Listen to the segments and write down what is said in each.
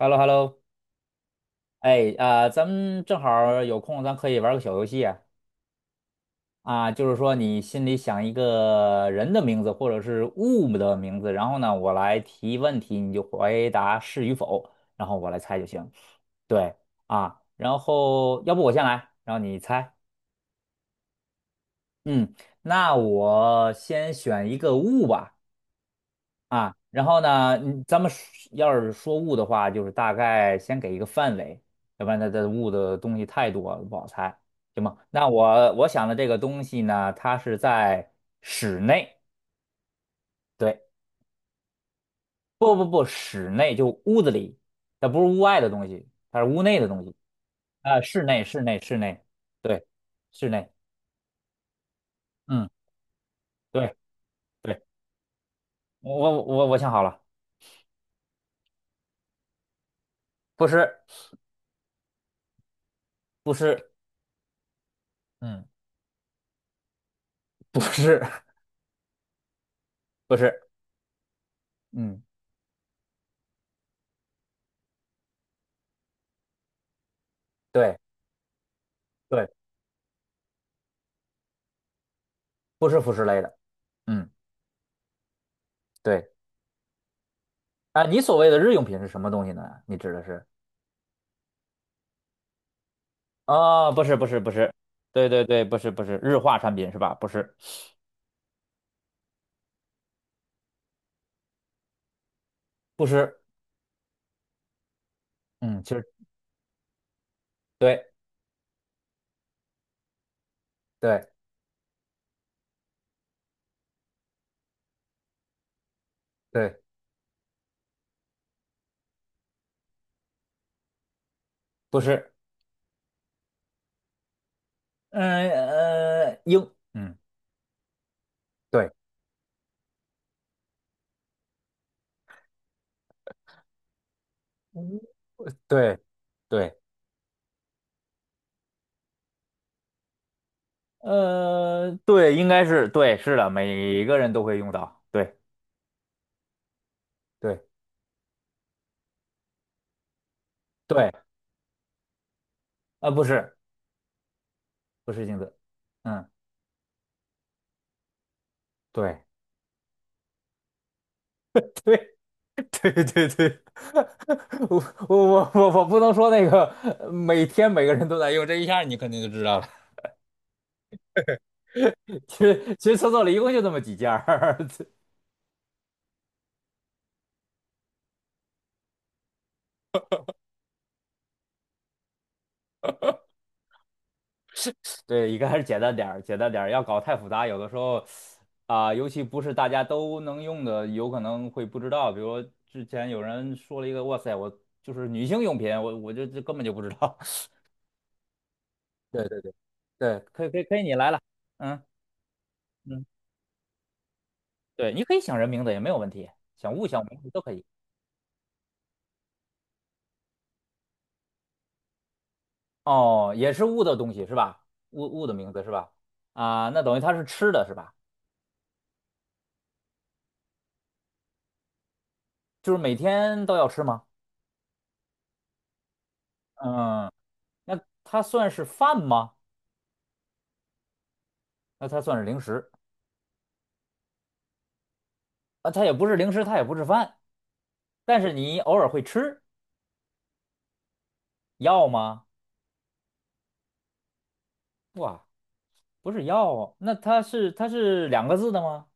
h e l l o hello 哎，啊、咱们正好儿有空，咱可以玩个小游戏啊，啊，就是说你心里想一个人的名字或者是物的名字，然后呢，我来提问题，你就回答是与否，然后我来猜就行。对啊，然后要不我先来，然后你猜。嗯，那我先选一个物吧。啊，然后呢，你咱们说要是说物的话，就是大概先给一个范围，要不然它的物的东西太多了，不好猜，行吗？那我我想的这个东西呢，它是在室内，对，不，室内就屋子里，它不是屋外的东西，它是屋内的东西，啊，室内，对，室内，嗯，对对，我想好了，不是不是，嗯，不是 不是，嗯，对。对不是服饰类的，嗯，对，啊，你所谓的日用品是什么东西呢？你指的是？啊，不是，对对对，不是，不是日化产品是吧？不是，不是，嗯，其实对对对，不是，嗯呃，英，嗯，对对对，对，应该是对，是的，每个人都会用到，对对对，啊，不是，不是镜子，嗯，对 对，对对对，我不能说那个每天每个人都在用，这一下你肯定就知道了。其实厕所里一共就这么几件儿，对，一个还是简单点儿，简单点儿，要搞太复杂，有的时候啊、尤其不是大家都能用的，有可能会不知道。比如之前有人说了一个，哇塞，我就是女性用品，我就这根本就不知道。对对对对，可以可以可以，你来了，嗯嗯，对，你可以想人名字也没有问题，想物想名字都可以。哦，也是物的东西是吧？物的名字是吧？啊，那等于它是吃的是吧？就是每天都要吃吗？嗯，那它算是饭吗？那它算是零食啊？它也不是零食，它也不是饭，但是你偶尔会吃药吗？哇，不是药哦那它是两个字的吗？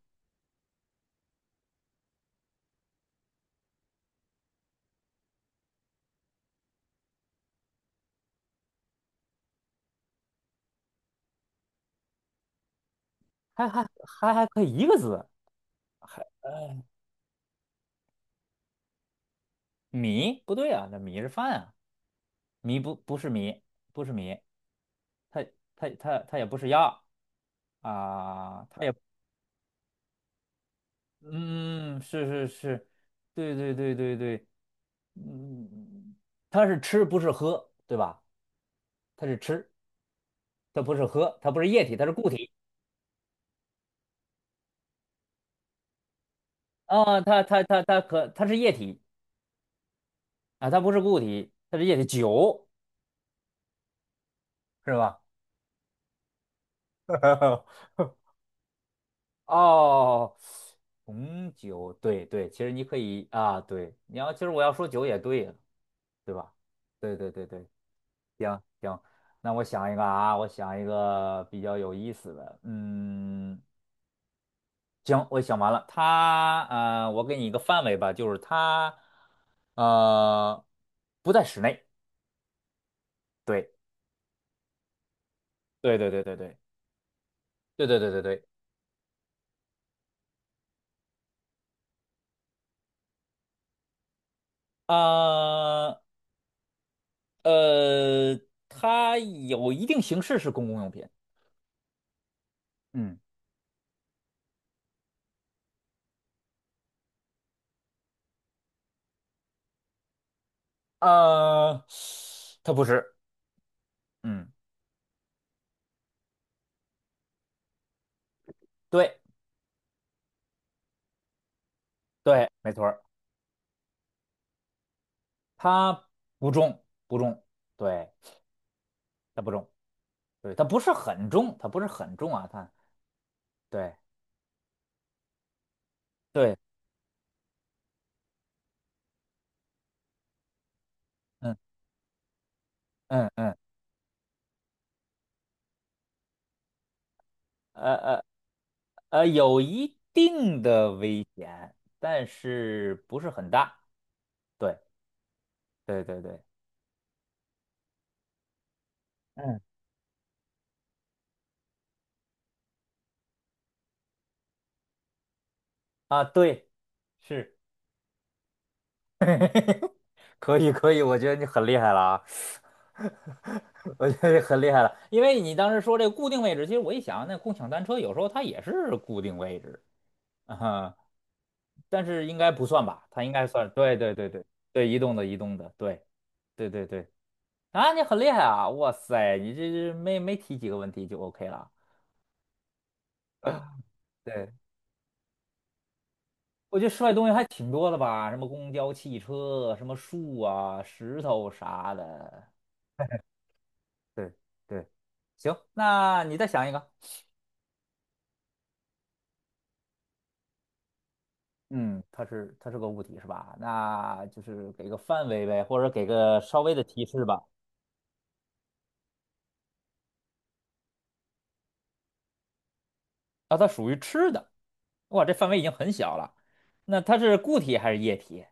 还可以一个字，米不对啊，那米是饭啊，米不是米，不是米，它它它也不是药啊，它也。嗯，是，对，嗯，它是吃不是喝，对吧？它是吃，它不是喝，它不是液体，它是固体啊，它是液体啊，它不是固体，它是液体，酒是吧？哦，红酒，对对，其实你可以啊，对，其实我要说酒也对呀，对吧？对，行行，那我想一个啊，我想一个比较有意思的，嗯。行，我想完了，我给你一个范围吧，就是它呃不在室内。对，对对对对对对。啊呃，它有一定形式是公共用品。嗯，呃，它不是。嗯，对对，没错儿，它不重，对，它不重，对，它不是很重，它对对，嗯嗯，呃呃呃，有一定的危险，但是不是很大。对，对，嗯，啊，对，是，可以，可以，我觉得你很厉害了啊，我觉得你很厉害了，因为你当时说这个固定位置，其实我一想，那共享单车有时候它也是固定位置，啊，哈，但是应该不算吧？它应该算，对，对，移动的，移动的，对，啊，你很厉害啊，哇塞，你这没提几个问题就 OK 了。对。我觉得室外东西还挺多的吧，什么公交、汽车，什么树啊、石头啥的。对对，行，那你再想一个。嗯，它是个物体是吧？那就是给个范围呗，或者给个稍微的提示吧。啊，它属于吃的。哇，这范围已经很小了。那它是固体还是液体？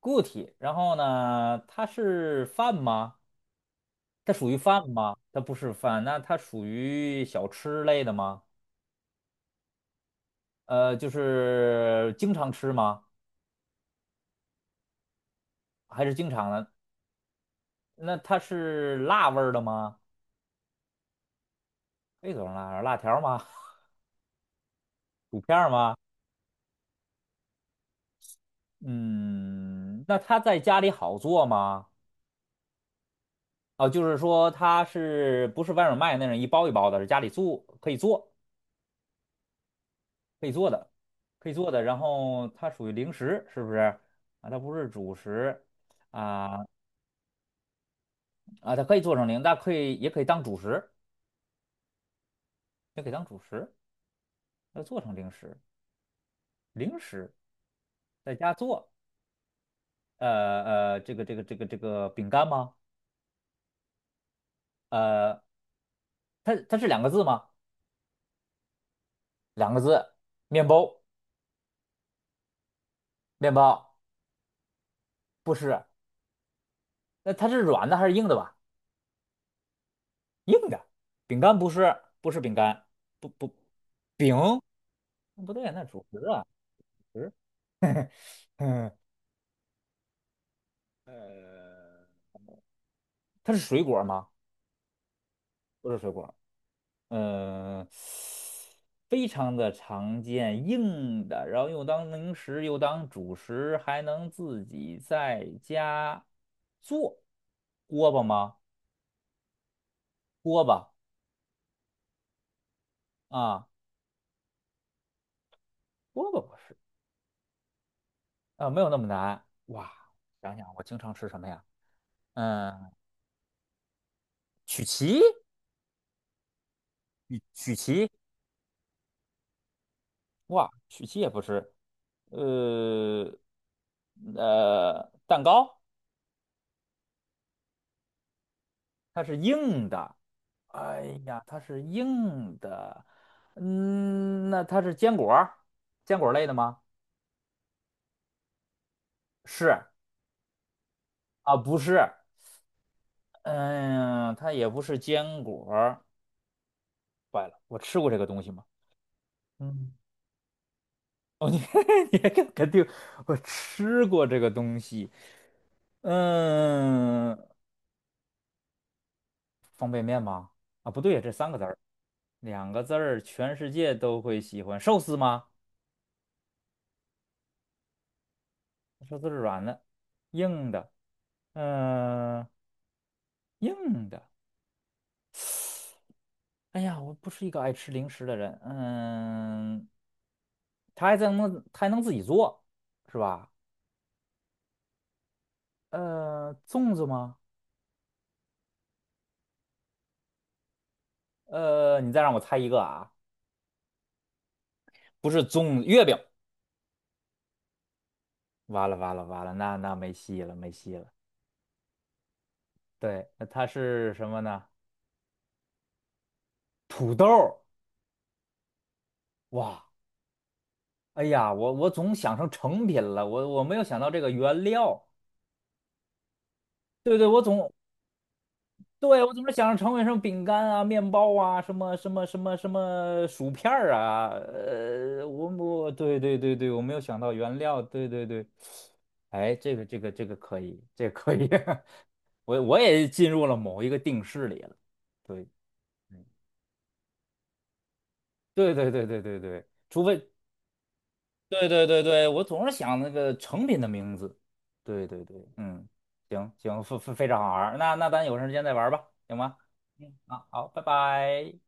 固体。然后呢，它是饭吗？它属于饭吗？它不是饭，那它属于小吃类的吗？就是经常吃吗？还是经常的？那它是辣味儿的吗？可以做成儿，辣条儿吗？薯片儿吗？嗯，那它在家里好做吗？哦，就是说它是不是外面卖那种一包一包的，是家里做可以做可以做的，可以做的。然后它属于零食，是不是？啊，它不是主食啊啊，它可以做成零，但可以也可以当主食，也可以当主食，它做成零食，零食在家做。呃这个这个饼干吗？呃，它是两个字吗？两个字，面包，面包不是，那它是软的还是硬的吧？硬的，饼干不是，不是饼干，不饼，不对，那主食啊，主食，嗯，呃，它是水果吗？不是水果。呃，非常的常见，硬的，然后又当零食，又当主食，还能自己在家做。锅巴吗？锅巴啊，锅巴不是啊，没有那么难。哇，想想我经常吃什么呀？嗯，曲奇，曲奇，哇，曲奇也不是。呃，蛋糕它是硬的，哎呀，它是硬的，嗯，那它是坚果儿，坚果类的吗？是啊，不是，嗯，它也不是坚果儿。坏了，我吃过这个东西吗？嗯 哦，你 你还敢肯定我吃过这个东西？嗯，妈啊，不对呀，这三个字儿，两个字儿，全世界都会喜欢寿司吗？寿司是软的，硬的，嗯、硬的。哎呀，我不是一个爱吃零食的人，嗯，他还能自己做，是吧？呃，粽子吗？呃，你再让我猜一个啊，不是粽子，月饼。完了，那那没戏了没戏了。对，那它是什么呢？土豆儿哇，哎呀，我总想成成品了，我没有想到这个原料。对对，对，我总是想着成为什么饼干啊、面包啊、什么薯片儿啊，我对，我没有想到原料，对，哎，这个可以，这个可以，我也进入了某一个定式里了，对，嗯对，除非对，我总是想那个成品的名字，对，嗯，行行，非常好玩儿，那那咱有时间再玩儿吧，行吗？嗯，啊，好，拜拜。